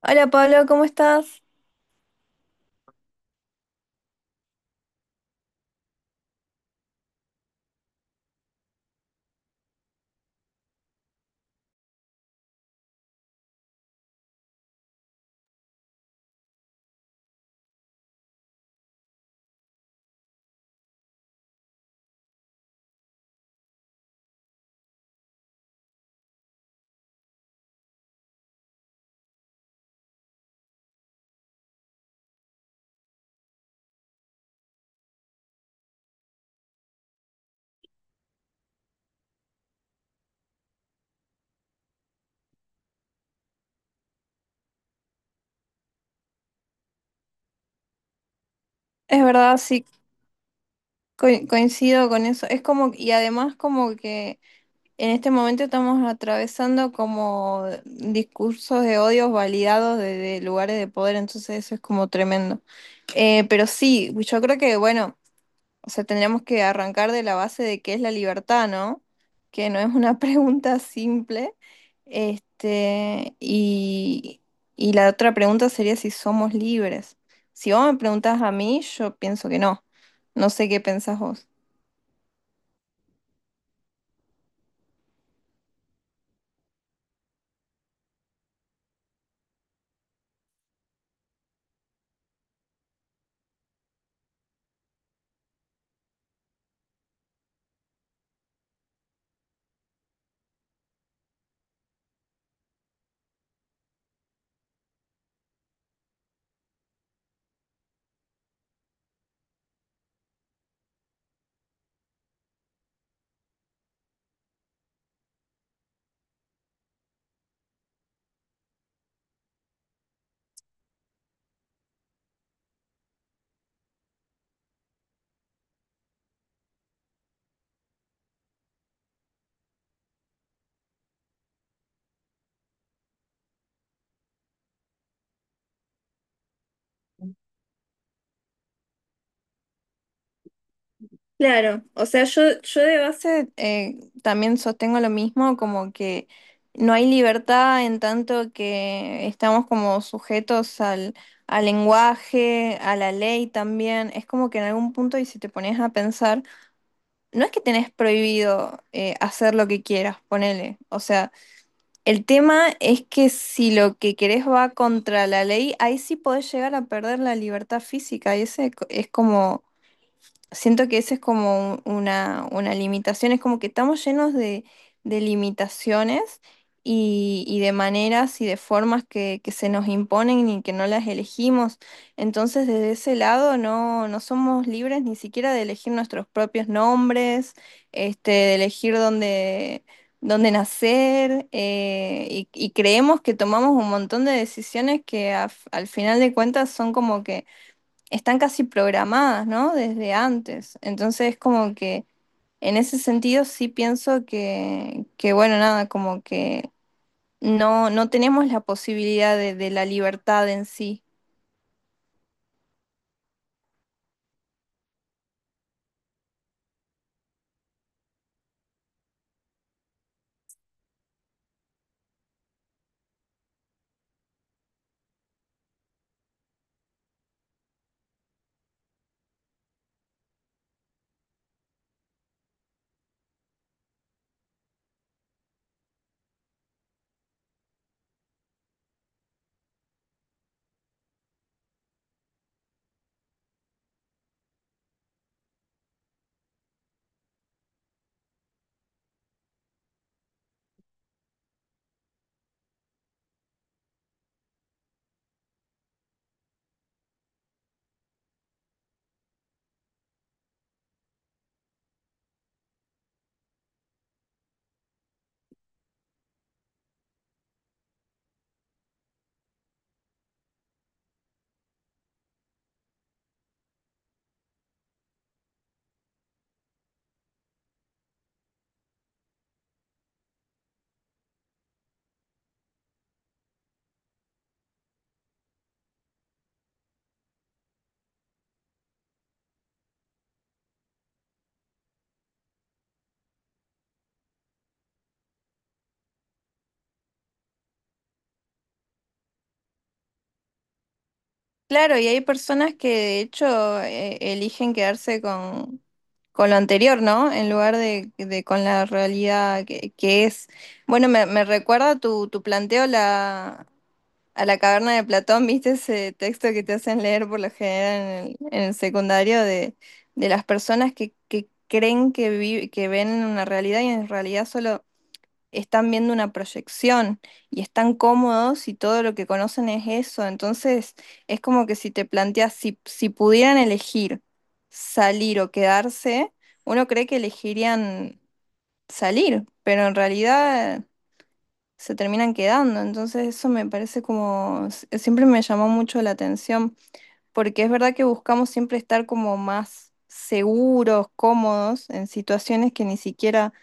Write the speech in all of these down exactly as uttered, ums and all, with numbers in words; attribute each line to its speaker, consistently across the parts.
Speaker 1: Hola Pablo, ¿cómo estás? Es verdad, sí, co- coincido con eso. Es como, y además como que en este momento estamos atravesando como discursos de odios validados de, de lugares de poder, entonces eso es como tremendo. Eh, pero sí, yo creo que, bueno. O sea, tendríamos que arrancar de la base de qué es la libertad, ¿no? Que no es una pregunta simple. Este, y, y la otra pregunta sería si somos libres. Si vos me preguntás a mí, yo pienso que no. No sé qué pensás vos. Claro, o sea, yo, yo de base eh, también sostengo lo mismo, como que no hay libertad en tanto que estamos como sujetos al, al lenguaje, a la ley también. Es como que en algún punto, y si te pones a pensar, no es que tenés prohibido eh, hacer lo que quieras, ponele. O sea, el tema es que si lo que querés va contra la ley, ahí sí podés llegar a perder la libertad física, y ese es co- es como siento que esa es como un- una, una limitación, es como que estamos llenos de, de limitaciones y, y de maneras y de formas que, que se nos imponen y que no las elegimos. Entonces, desde ese lado no, no somos libres ni siquiera de elegir nuestros propios nombres, este, de elegir dónde, dónde nacer, eh, y, y creemos que tomamos un montón de decisiones que a- al final de cuentas son como que están casi programadas, ¿no? Desde antes. Entonces, como que en ese sentido sí pienso que, que bueno, nada, como que no, no tenemos la posibilidad de, de la libertad en sí. Claro, y hay personas que de hecho eh, eligen quedarse con, con lo anterior, ¿no? En lugar de, de con la realidad que, que es. Bueno, me, me recuerda tu, tu planteo la, a la caverna de Platón. ¿Viste ese texto que te hacen leer por lo general en el, en el secundario de, de las personas que, que creen que, vi- que ven una realidad y en realidad solo están viendo una proyección y están cómodos y todo lo que conocen es eso? Entonces es como que si te planteas, si, si pudieran elegir salir o quedarse, uno cree que elegirían salir, pero en realidad se terminan quedando. Entonces eso me parece como, s- siempre me llamó mucho la atención, porque es verdad que buscamos siempre estar como más seguros, cómodos, en situaciones que ni siquiera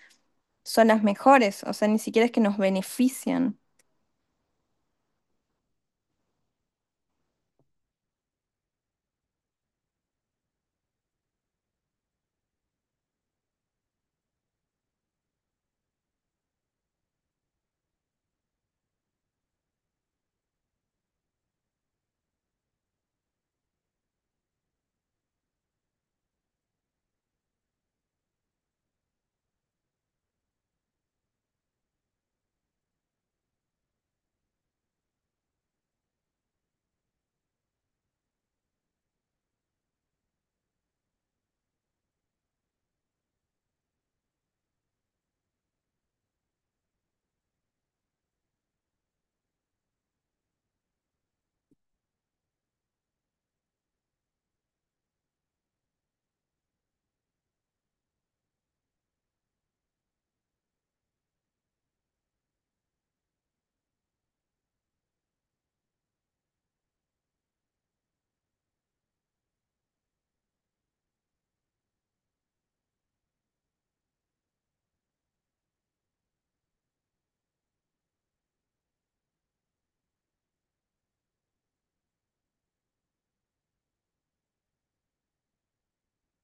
Speaker 1: son las mejores, o sea, ni siquiera es que nos benefician.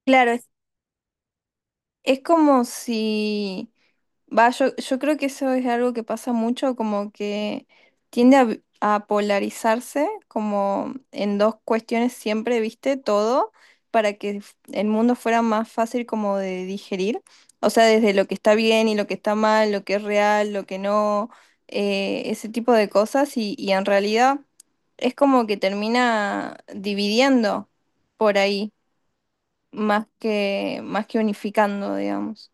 Speaker 1: Claro, es, es como si... Va, yo, yo creo que eso es algo que pasa mucho, como que tiende a, vi- a polarizarse como en dos cuestiones siempre, ¿viste? Todo para que f- el mundo fuera más fácil como de digerir. O sea, desde lo que está bien y lo que está mal, lo que es real, lo que no, eh, ese tipo de cosas. Y, y en realidad es como que termina dividiendo por ahí, más que, más que unificando, digamos.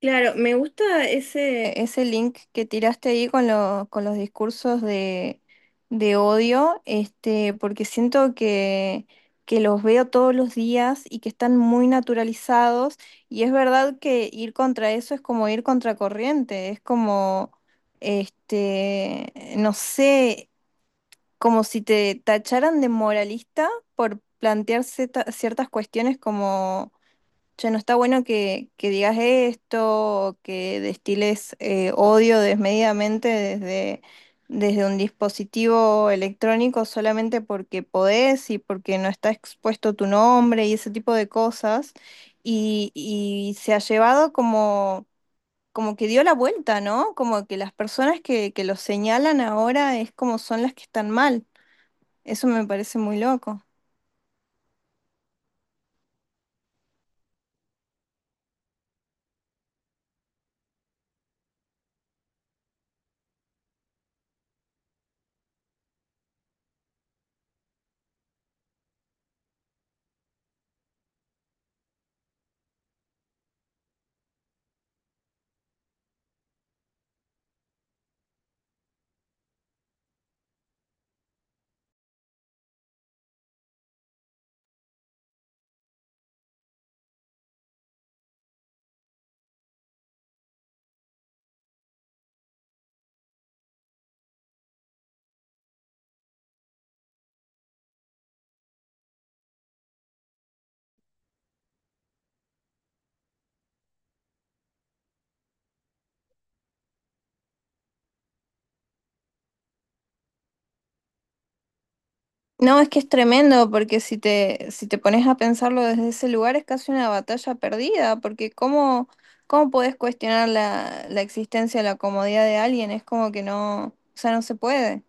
Speaker 1: Claro, me gusta ese, ese link que tiraste ahí con, lo- con los discursos de, de odio, este, porque siento que, que los veo todos los días y que están muy naturalizados. Y es verdad que ir contra eso es como ir contra corriente, es como, este, no sé, como si te tacharan de moralista por plantear cierta- ciertas cuestiones. Che, no está bueno que, que digas esto, o que destiles eh, odio desmedidamente desde, desde un dispositivo electrónico solamente porque podés y porque no está expuesto tu nombre y ese tipo de cosas. Y, y se ha llevado como, como que dio la vuelta, ¿no? Como que las personas que, que lo señalan ahora es como son las que están mal. Eso me parece muy loco. No, es que es tremendo, porque si te, si te pones a pensarlo desde ese lugar es casi una batalla perdida, porque ¿cómo, cómo podés cuestionar la, la existencia, la comodidad de alguien? Es como que no, o sea, no se puede.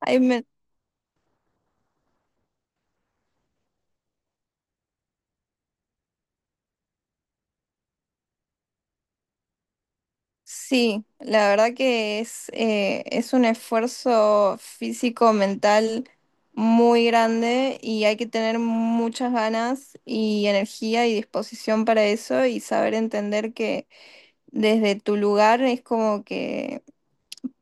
Speaker 1: Ay, me- sí, la verdad que es, eh, es un esfuerzo físico, mental muy grande y hay que tener muchas ganas y energía y disposición para eso y saber entender que desde tu lugar es como que...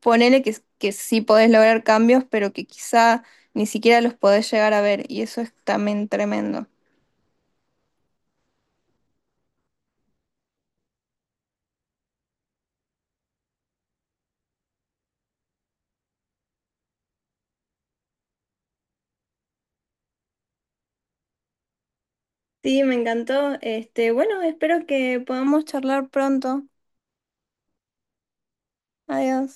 Speaker 1: Ponele que, que sí podés lograr cambios, pero que quizá ni siquiera los podés llegar a ver, y eso es también tremendo. Sí, me encantó. Este, bueno, espero que podamos charlar pronto. Adiós.